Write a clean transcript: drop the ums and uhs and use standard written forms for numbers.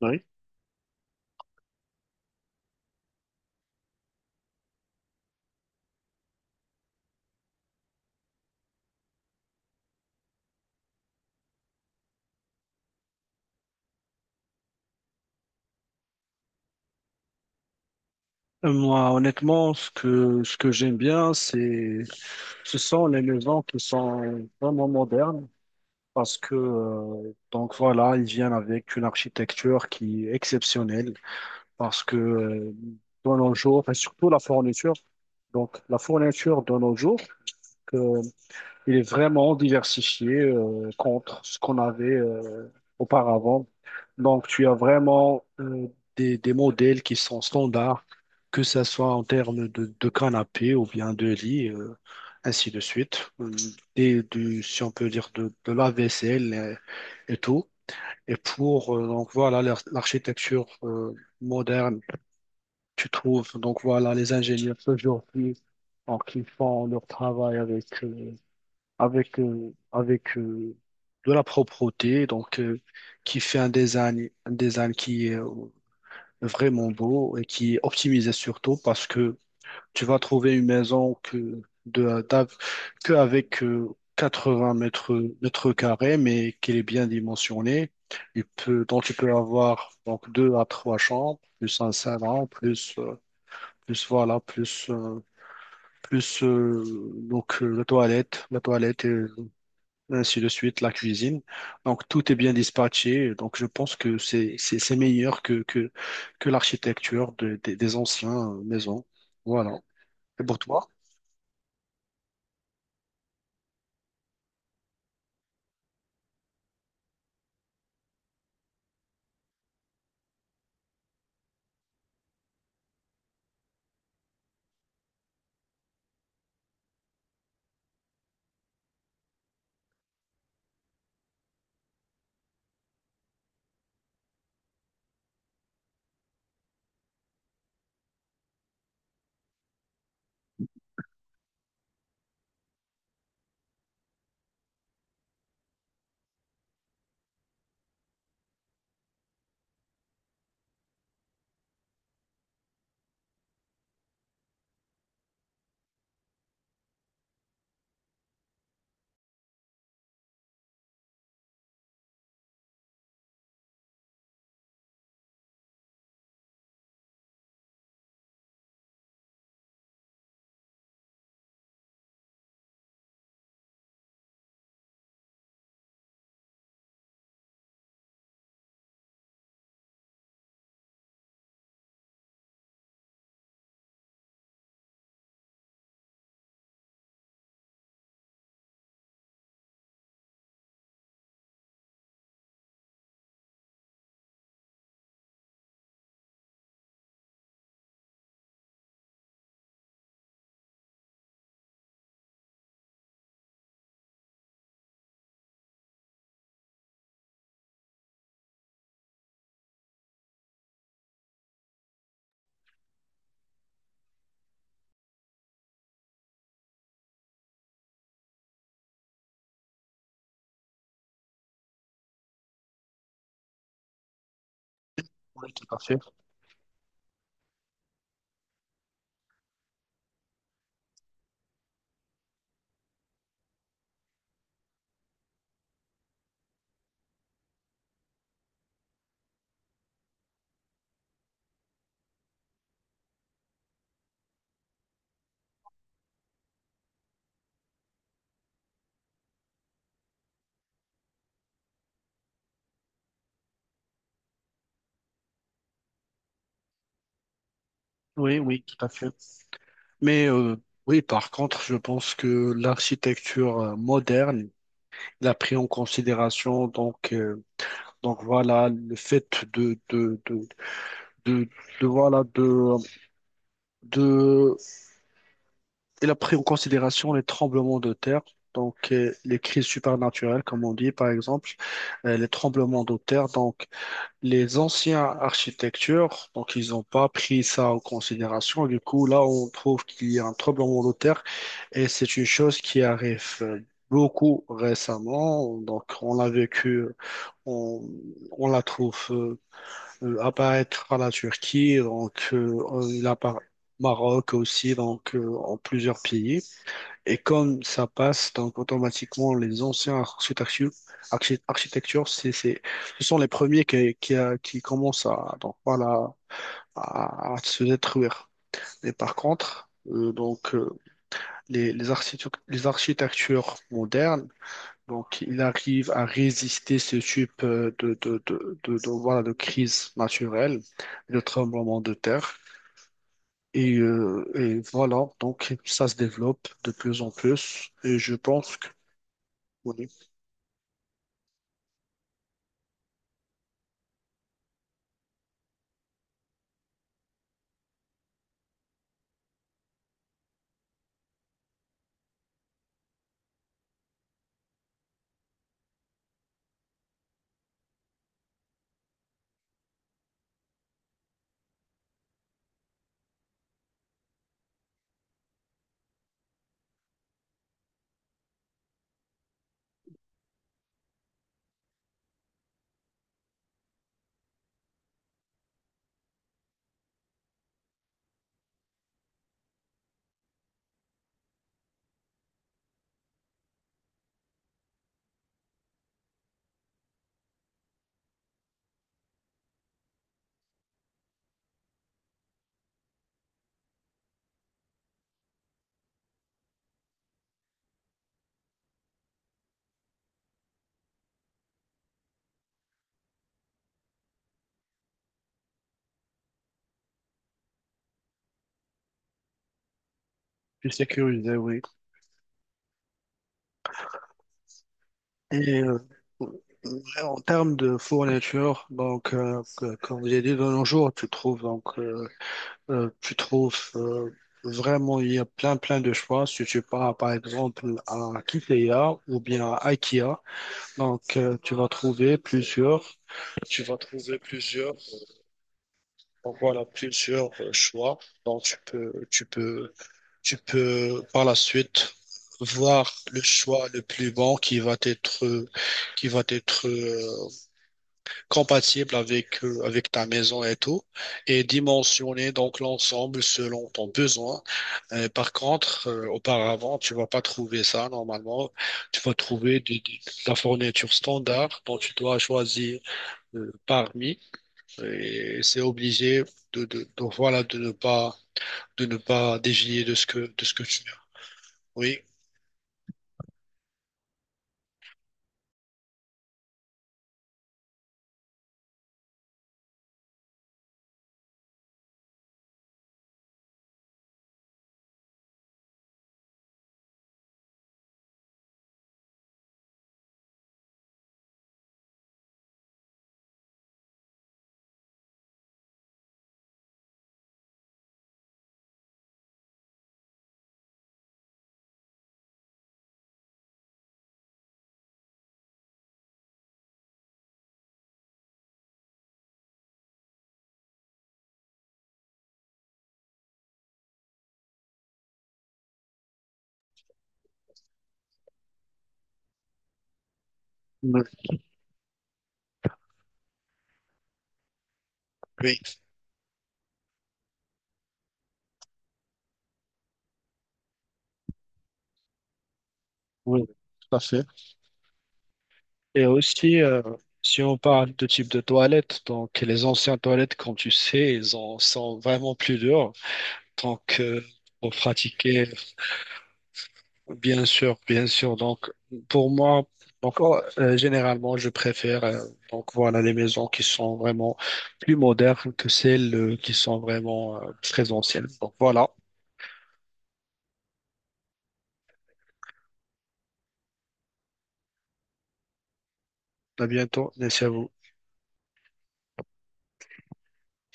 Oui. Moi, honnêtement, ce que j'aime bien, c'est, ce sont les maisons qui sont vraiment modernes parce que, donc voilà, ils viennent avec une architecture qui est exceptionnelle parce que, de nos jours, enfin, surtout la fourniture, donc la fourniture de nos jours, il est vraiment diversifié contre ce qu'on avait auparavant. Donc, tu as vraiment des modèles qui sont standards, que ce soit en termes de canapé ou bien de lit, ainsi de suite. Et du, si on peut dire, de la vaisselle et tout. Et pour, donc voilà, l'architecture moderne, tu trouves, donc voilà, les ingénieurs aujourd'hui, donc, ils font leur travail avec. Avec, euh, avec euh, de la propreté, donc qui fait un design qui est vraiment beau et qui est optimisé surtout parce que tu vas trouver une maison que avec 80 mètres carrés, mais qu'elle est bien dimensionnée. Il peut, donc tu peux avoir donc deux à trois chambres, plus un salon, plus plus voilà, plus plus donc la toilette ainsi de suite, la cuisine. Donc, tout est bien dispatché. Donc, je pense que c'est meilleur que l'architecture des anciens maisons. Voilà. Et pour toi? Oui, tout à fait. Oui, oui, tout à fait. Mais oui, par contre, je pense que l'architecture moderne l'a pris en considération donc voilà le fait de de de, de- de, voilà de il a pris en considération les tremblements de terre, donc les crises supernaturelles, comme on dit par exemple, les tremblements de terre. Donc les anciens architectures, donc ils n'ont pas pris ça en considération. Du coup, là, on trouve qu'il y a un tremblement de terre et c'est une chose qui arrive beaucoup récemment, donc on l'a vécu, on, on la trouve apparaître à la Turquie, donc il apparaît au Maroc aussi, donc en plusieurs pays. Et comme ça passe, donc automatiquement, les anciens architectures, architectures ce sont les premiers qui commencent à, donc, voilà, à se détruire. Et par contre, donc, les architectures modernes, donc, ils arrivent à résister ce type de, voilà, de crise naturelle, de tremblement de terre. Et voilà, donc ça se développe de plus en plus. Et je pense que... Oui. Plus sécurisé, oui. Et en termes de fourniture, donc, comme j'ai dit de nos jours, tu trouves, donc, tu trouves vraiment, il y a plein, plein de choix. Si tu pars, par exemple, à Ikea ou bien à IKEA, donc, tu vas trouver plusieurs, donc, voilà, plusieurs choix. Donc, tu peux tu peux par la suite voir le choix le plus bon qui va être compatible avec, avec ta maison et tout, et dimensionner donc l'ensemble selon ton besoin. Par contre, auparavant, tu vas pas trouver ça normalement. Tu vas trouver de la fourniture standard dont tu dois choisir parmi, et c'est obligé voilà, de ne pas dévier de ce que tu as. Oui, oui, oui, oui, tout à fait. Et aussi, si on parle de type de toilette, donc les anciennes toilettes, comme tu sais, elles en sont vraiment plus dures. Donc, pour pratiquer, bien sûr, bien sûr. Donc, pour moi, donc, oh, généralement, je préfère donc voilà les maisons qui sont vraiment plus modernes que celles qui sont vraiment très anciennes. Donc voilà, à bientôt, merci à vous.